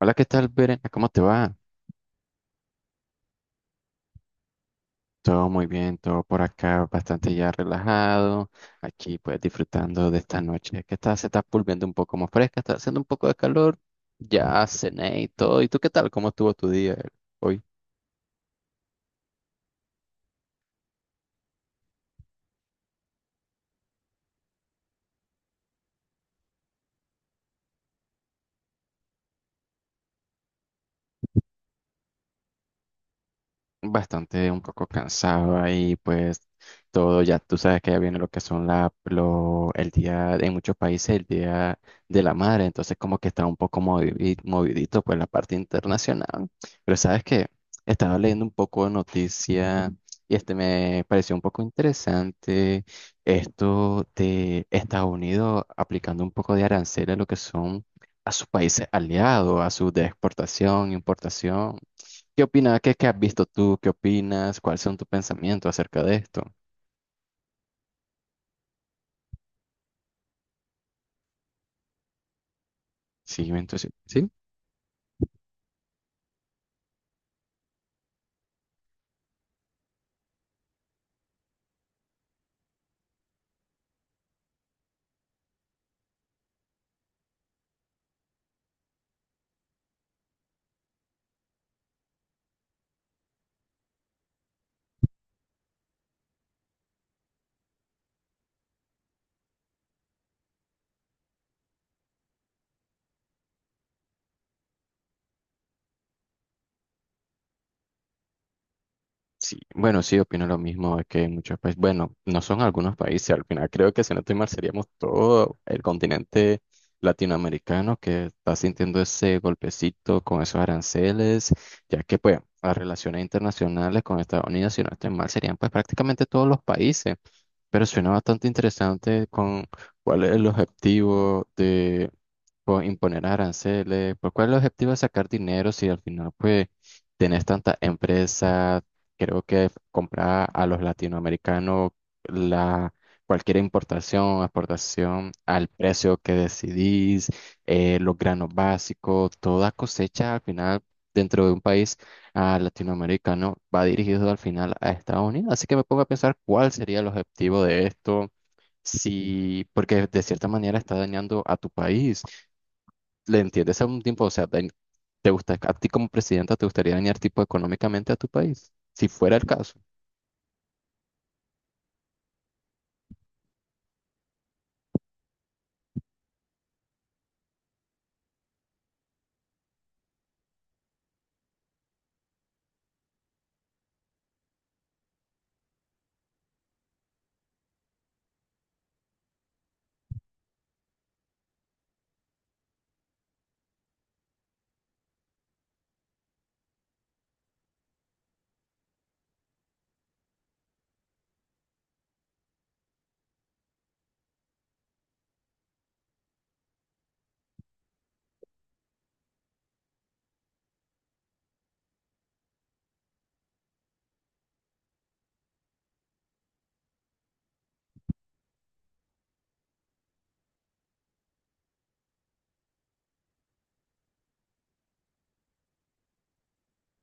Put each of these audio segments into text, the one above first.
Hola, ¿qué tal, Verena? ¿Cómo te va? Todo muy bien, todo por acá, bastante ya relajado. Aquí, pues, disfrutando de esta noche se está volviendo un poco más fresca, está haciendo un poco de calor. Ya cené y todo. ¿Y tú qué tal? ¿Cómo estuvo tu día hoy? Bastante un poco cansado ahí, pues todo ya, tú sabes que ya viene lo que son el día, en muchos países el día de la madre, entonces como que está un poco movidito pues la parte internacional, pero sabes que estaba leyendo un poco de noticia y me pareció un poco interesante esto de Estados Unidos aplicando un poco de aranceles a lo que son a sus países aliados, a sus de exportación, importación. ¿Qué opinas? ¿Qué has visto tú? ¿Qué opinas? ¿Cuáles son tus pensamientos acerca de esto? Sí, entonces, sí. Sí, bueno, sí, opino lo mismo, es que en muchos países, bueno, no son algunos países, al final creo que si no estoy mal seríamos todo el continente latinoamericano que está sintiendo ese golpecito con esos aranceles, ya que pues las relaciones internacionales con Estados Unidos, si no estoy mal, serían pues prácticamente todos los países, pero suena bastante interesante con cuál es el objetivo de pues, imponer aranceles, pues, cuál es el objetivo de sacar dinero si al final pues tenés tantas empresas, creo que comprar a los latinoamericanos la, cualquier importación, exportación al precio que decidís, los granos básicos, toda cosecha al final dentro de un país latinoamericano va dirigido al final a Estados Unidos. Así que me pongo a pensar cuál sería el objetivo de esto. Si, porque de cierta manera está dañando a tu país. ¿Le entiendes a un tiempo? O sea, ¿te gusta, a ti como presidenta, te gustaría dañar tipo económicamente a tu país? Si fuera el caso.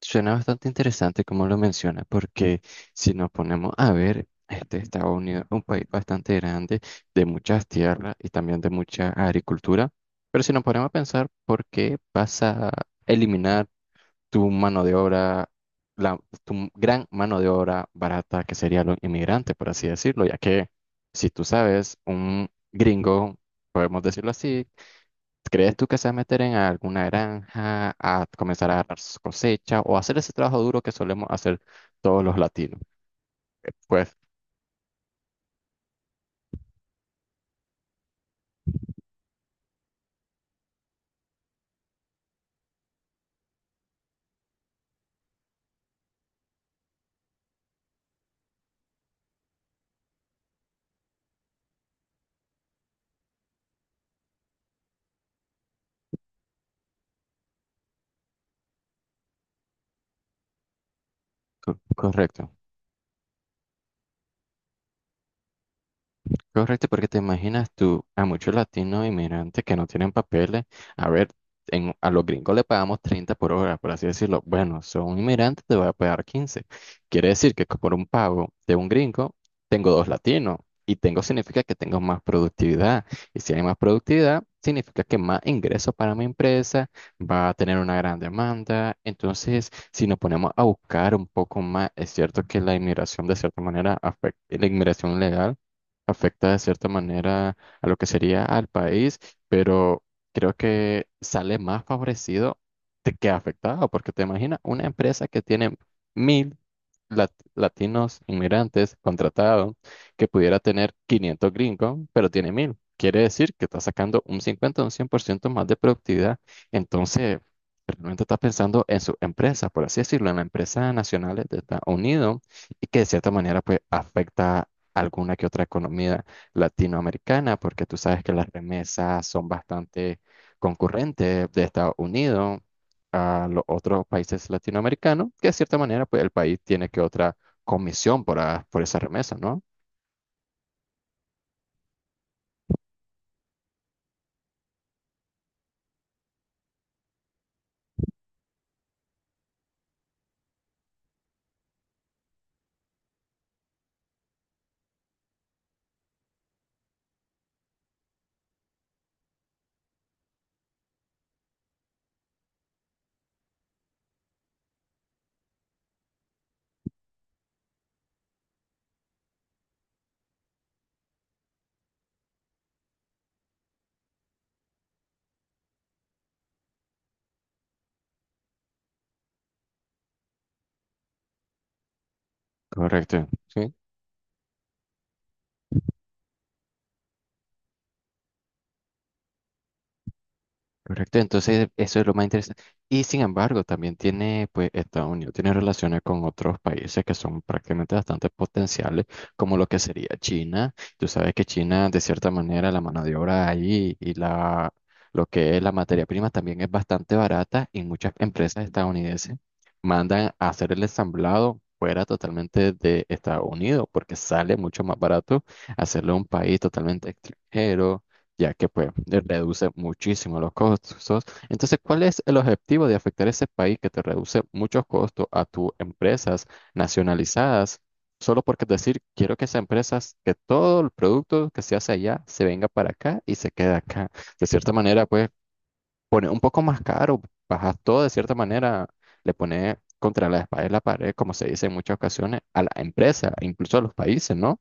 Suena bastante interesante como lo menciona, porque si nos ponemos a ver, este Estados Unidos es un país bastante grande, de muchas tierras y también de mucha agricultura, pero si nos ponemos a pensar, ¿por qué vas a eliminar tu mano de obra, la, tu gran mano de obra barata, que sería los inmigrantes, por así decirlo? Ya que, si tú sabes, un gringo, podemos decirlo así, ¿crees tú que se va a meter en alguna granja a comenzar a agarrar su cosecha o hacer ese trabajo duro que solemos hacer todos los latinos? Pues, correcto. Correcto, porque te imaginas tú a muchos latinos inmigrantes que no tienen papeles. A ver, a los gringos le pagamos 30 por hora, por así decirlo. Bueno, son inmigrantes, te voy a pagar 15. Quiere decir que por un pago de un gringo, tengo dos latinos. Y tengo significa que tengo más productividad. Y si hay más productividad, significa que más ingresos para mi empresa, va a tener una gran demanda. Entonces, si nos ponemos a buscar un poco más, es cierto que la inmigración de cierta manera afecta, la inmigración legal afecta de cierta manera a lo que sería al país, pero creo que sale más favorecido de que afectado, porque te imaginas una empresa que tiene 1.000 latinos inmigrantes contratados, que pudiera tener 500 gringos, pero tiene 1.000. Quiere decir que está sacando un 50 o un 100% más de productividad. Entonces, realmente está pensando en su empresa, por así decirlo, en la empresa nacional de Estados Unidos y que de cierta manera pues afecta alguna que otra economía latinoamericana, porque tú sabes que las remesas son bastante concurrentes de Estados Unidos a los otros países latinoamericanos, que de cierta manera pues el país tiene que otra comisión por esa remesa, ¿no? Correcto. Sí. Correcto, entonces eso es lo más interesante. Y sin embargo, también tiene, pues, Estados Unidos tiene relaciones con otros países que son prácticamente bastante potenciales, como lo que sería China. Tú sabes que China, de cierta manera, la mano de obra ahí y la, lo que es la materia prima también es bastante barata y muchas empresas estadounidenses mandan a hacer el ensamblado fuera totalmente de Estados Unidos, porque sale mucho más barato hacerlo en un país totalmente extranjero, ya que pues reduce muchísimo los costos. Entonces, ¿cuál es el objetivo de afectar ese país que te reduce muchos costos a tus empresas nacionalizadas? Solo porque decir, quiero que esas empresas, que todo el producto que se hace allá se venga para acá y se quede acá. De cierta manera, pues pone un poco más caro, bajas todo de cierta manera, le pone contra la espalda y la pared, como se dice en muchas ocasiones, a la empresa, incluso a los países, ¿no?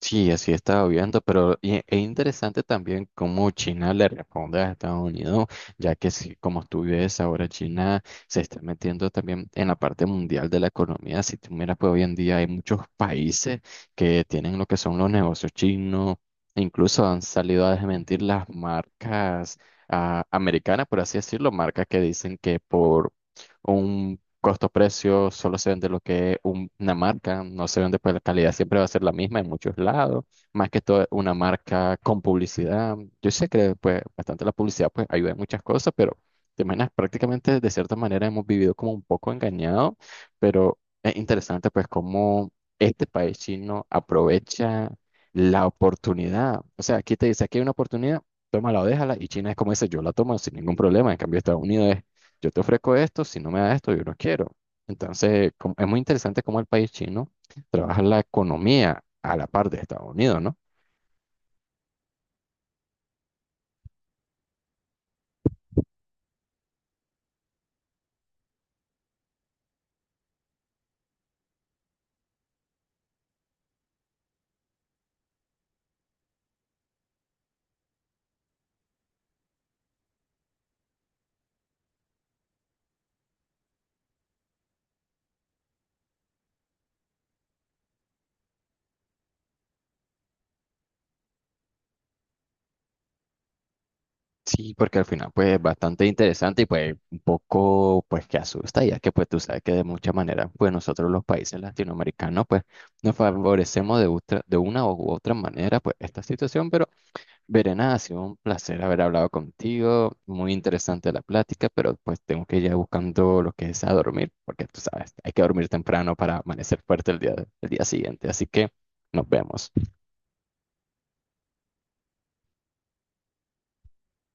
Sí, así estaba viendo, pero es interesante también cómo China le responde a Estados Unidos, ya que si, como tú ves, ahora China se está metiendo también en la parte mundial de la economía. Si tú miras, pues hoy en día hay muchos países que tienen lo que son los negocios chinos, e incluso han salido a desmentir las marcas americanas, por así decirlo, marcas que dicen que por un costo-precio, solo se vende lo que es una marca, no se vende pues la calidad, siempre va a ser la misma en muchos lados, más que todo una marca con publicidad. Yo sé que pues bastante la publicidad pues ayuda en muchas cosas, pero te imaginas prácticamente de cierta manera hemos vivido como un poco engañados, pero es interesante pues cómo este país chino aprovecha la oportunidad. O sea, aquí te dice, aquí hay una oportunidad, tómala o déjala, y China es como dice, yo la tomo sin ningún problema, en cambio Estados Unidos es yo te ofrezco esto, si no me das esto, yo no quiero. Entonces, es muy interesante cómo el país chino trabaja la economía a la par de Estados Unidos, ¿no? Sí, porque al final, pues, es bastante interesante y, pues, un poco, pues, que asusta, ya que, pues, tú sabes que de muchas maneras, pues, nosotros los países latinoamericanos, pues, nos favorecemos de, de una u otra manera, pues, esta situación, pero Verena, ha sido un placer haber hablado contigo, muy interesante la plática, pero pues tengo que ir ya buscando lo que es a dormir, porque tú sabes, hay que dormir temprano para amanecer fuerte el día siguiente, así que nos vemos.